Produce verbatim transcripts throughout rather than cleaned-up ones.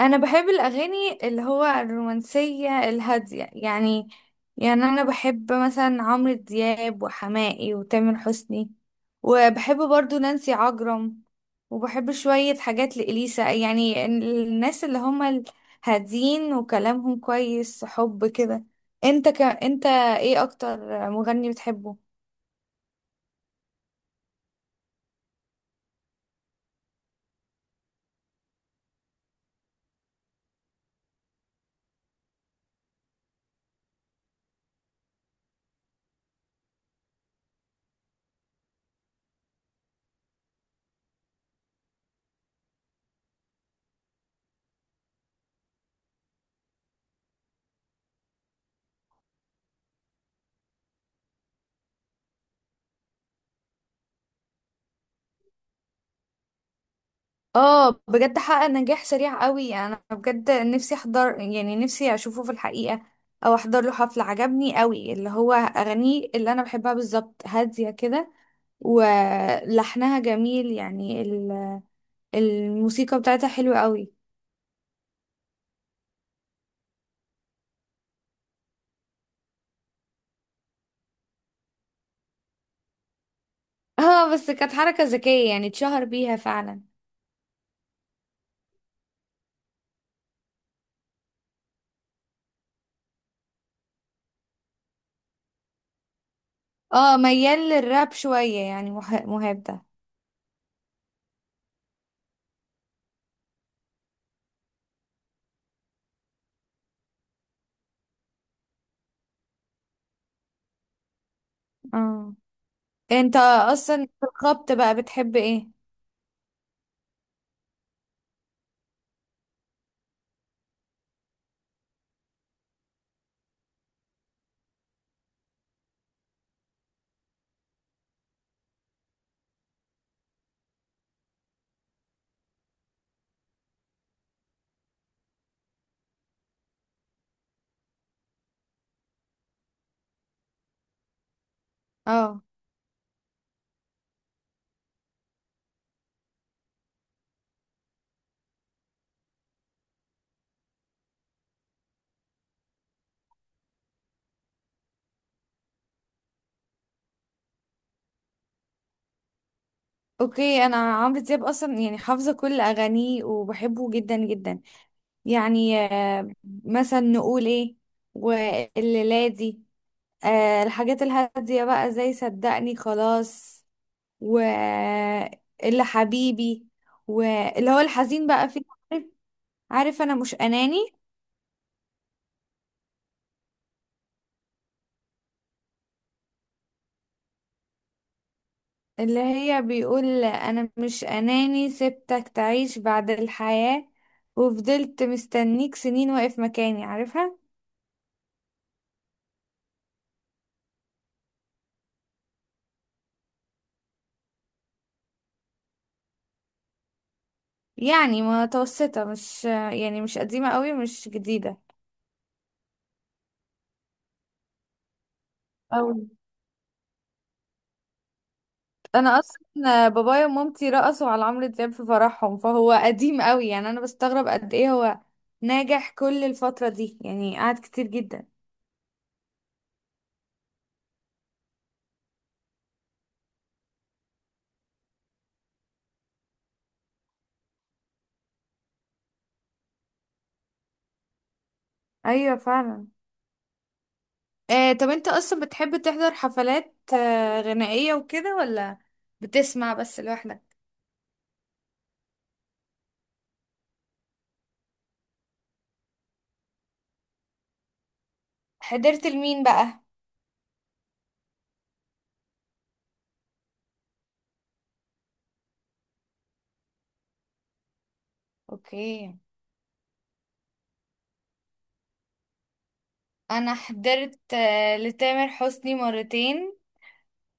انا بحب الاغاني اللي هو الرومانسيه الهاديه يعني. يعني انا بحب مثلا عمرو دياب وحماقي وتامر حسني، وبحب برضو نانسي عجرم، وبحب شويه حاجات لإليسا، يعني الناس اللي هم الهادين وكلامهم كويس، حب كده. انت ك... انت ايه اكتر مغني بتحبه؟ اه بجد حقق نجاح سريع قوي، يعني انا بجد نفسي احضر، يعني نفسي اشوفه في الحقيقة او احضر له حفلة. عجبني قوي اللي هو اغانيه اللي انا بحبها بالظبط هادية كده، ولحنها جميل. يعني ال- الموسيقى بتاعتها حلوة قوي. اه بس كانت حركة ذكية يعني اتشهر بيها فعلا. اه ميال للراب شوية، يعني مه- مهاب ده. اه، انت اصلا في الخبط بقى بتحب ايه؟ اه، اوكي، انا عمرو دياب اصلا يعني حافظه كل اغانيه وبحبه جدا جدا. يعني آه، مثلا نقول ايه؟ والليلة دي، آه، الحاجات الهاديه بقى زي صدقني خلاص، واللي حبيبي، واللي هو الحزين بقى فيه. عارف؟ عارف انا مش اناني؟ اللي هي بيقول انا مش اناني سبتك تعيش بعد الحياه، وفضلت مستنيك سنين واقف مكاني، عارفها. يعني متوسطة، مش يعني مش قديمة قوي مش جديدة. أوي. انا اصلا بابايا ومامتي رقصوا على عمرو دياب في فرحهم، فهو قديم قوي يعني. انا بستغرب قد ايه هو ناجح كل الفترة دي، يعني قعد كتير جدا. ايوه فعلا. آه، طب انت اصلا بتحب تحضر حفلات آه غنائية وكده ولا بتسمع بس لوحدك؟ حضرت لمين بقى؟ اوكي، انا حضرت آه لتامر حسني مرتين،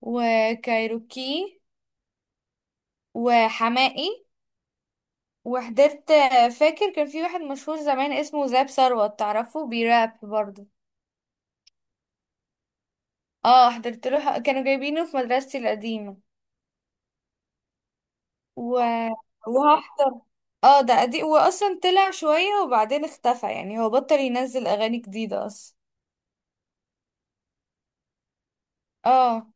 وكايروكي، وحماقي، وحضرت، فاكر كان في واحد مشهور زمان اسمه زاب ثروت، تعرفه بيراب برضه؟ اه حضرت له، كانوا جايبينه في مدرستي القديمة. و... وهحضر. اه ده قديم، واصلا طلع شوية وبعدين اختفى، يعني هو بطل ينزل اغاني جديدة اصلا. اه.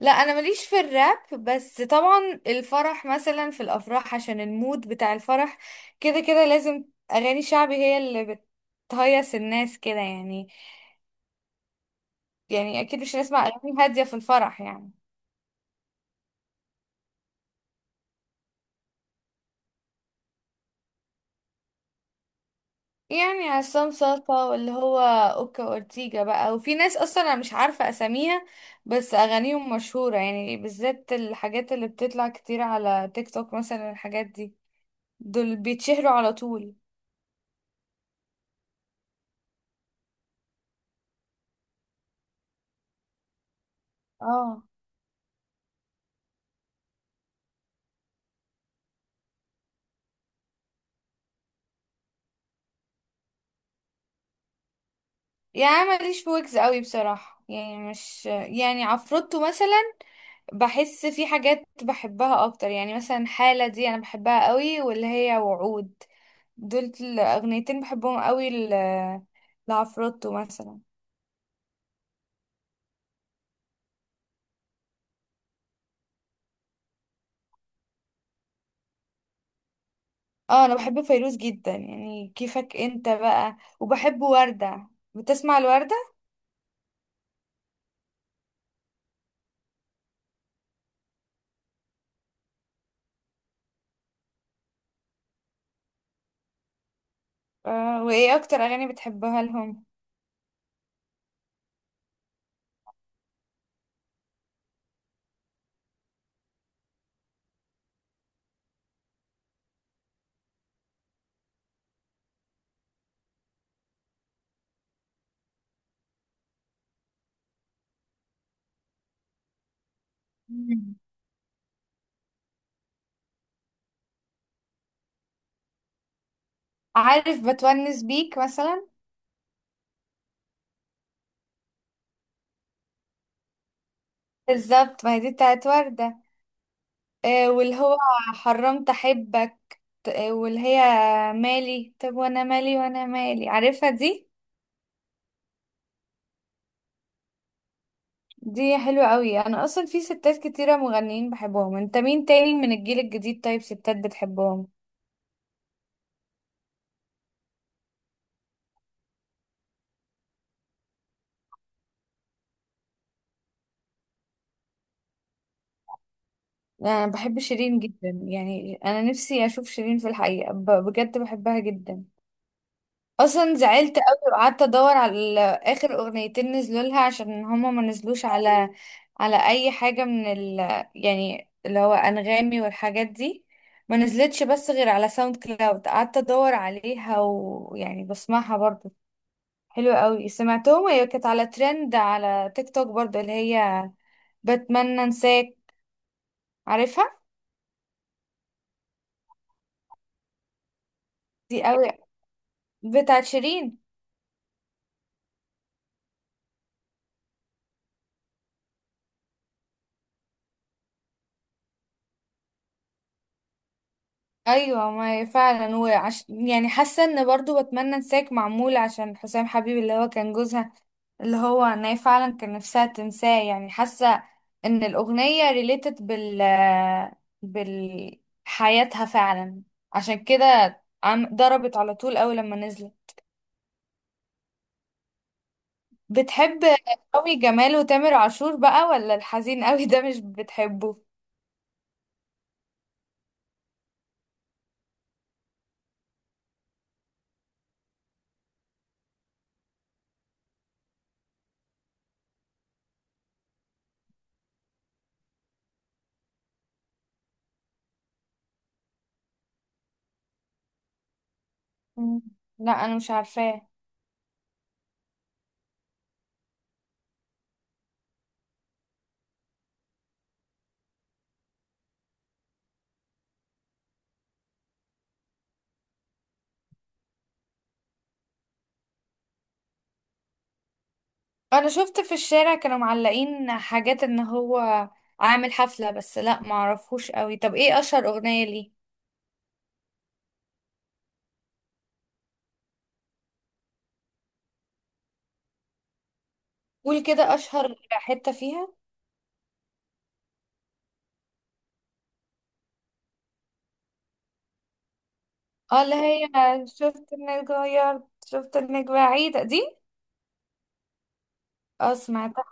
لا انا ماليش في الراب، بس طبعا الفرح مثلا، في الافراح عشان المود بتاع الفرح كده كده لازم اغاني شعبي هي اللي بتهيص الناس كده يعني. يعني اكيد مش هنسمع اغاني هاديه في الفرح يعني. يعني عصام صاصا، واللي هو اوكا اورتيجا بقى، وفي ناس اصلا انا مش عارفه اساميها بس اغانيهم مشهوره، يعني بالذات الحاجات اللي بتطلع كتير على تيك توك مثلا، الحاجات دي دول بيتشهروا على طول. اه، يعني أنا ماليش في ويجز قوي بصراحه، يعني مش يعني عفروتو مثلا، بحس في حاجات بحبها اكتر. يعني مثلا حالة دي انا بحبها قوي، واللي هي وعود، دول الاغنيتين بحبهم قوي ل- لعفروتو مثلا. اه انا بحب فيروز جدا، يعني كيفك انت بقى، وبحب وردة. بتسمع الوردة؟ آه، وايه اكتر اغاني بتحبها لهم؟ مم. عارف بتونس بيك مثلا؟ بالظبط، ما هي دي بتاعت وردة. آه واللي هو حرمت احبك ت- آه، واللي هي مالي، طب وانا مالي، وانا مالي، عارفها دي؟ دي حلوة قوي. انا اصلا في ستات كتيرة مغنيين بحبهم. انت مين تاني من الجيل الجديد، طيب، ستات بتحبهم؟ انا بحب شيرين جدا، يعني انا نفسي اشوف شيرين في الحقيقة، ب- بجد بحبها جدا. اصلا زعلت قوي وقعدت ادور على اخر اغنيتين نزلوا لها عشان هما ما نزلوش على على اي حاجة من ال، يعني اللي هو انغامي والحاجات دي، ما نزلتش بس غير على ساوند كلاود. قعدت ادور عليها ويعني بسمعها برضه، حلو قوي. سمعتهم هي كانت على ترند على تيك توك برضه، اللي هي بتمنى انساك، عارفها؟ دي قوي بتاعت شيرين. ايوه ما هي فعلا، وعش... يعني حاسه ان برضه بتمنى انساك معمول عشان حسام حبيب اللي هو كان جوزها، اللي هو ان هي فعلا كان نفسها تنساه. يعني حاسه ان الاغنيه ريليتد بال بال حياتها فعلا، عشان كده عم ضربت على طول اول لما نزلت. بتحب قوي جمال وتامر عاشور بقى، ولا الحزين قوي ده مش بتحبه؟ مم. لا انا مش عارفاه. انا شفت في الشارع كانوا معلقين حاجات ان هو عامل حفلة، بس لا معرفهوش قوي. طب ايه اشهر اغنية ليه؟ قول كده اشهر حتة فيها. اه اللي هي شفت انك اتغيرت، شفت انك بعيدة، دي؟ اه سمعتها.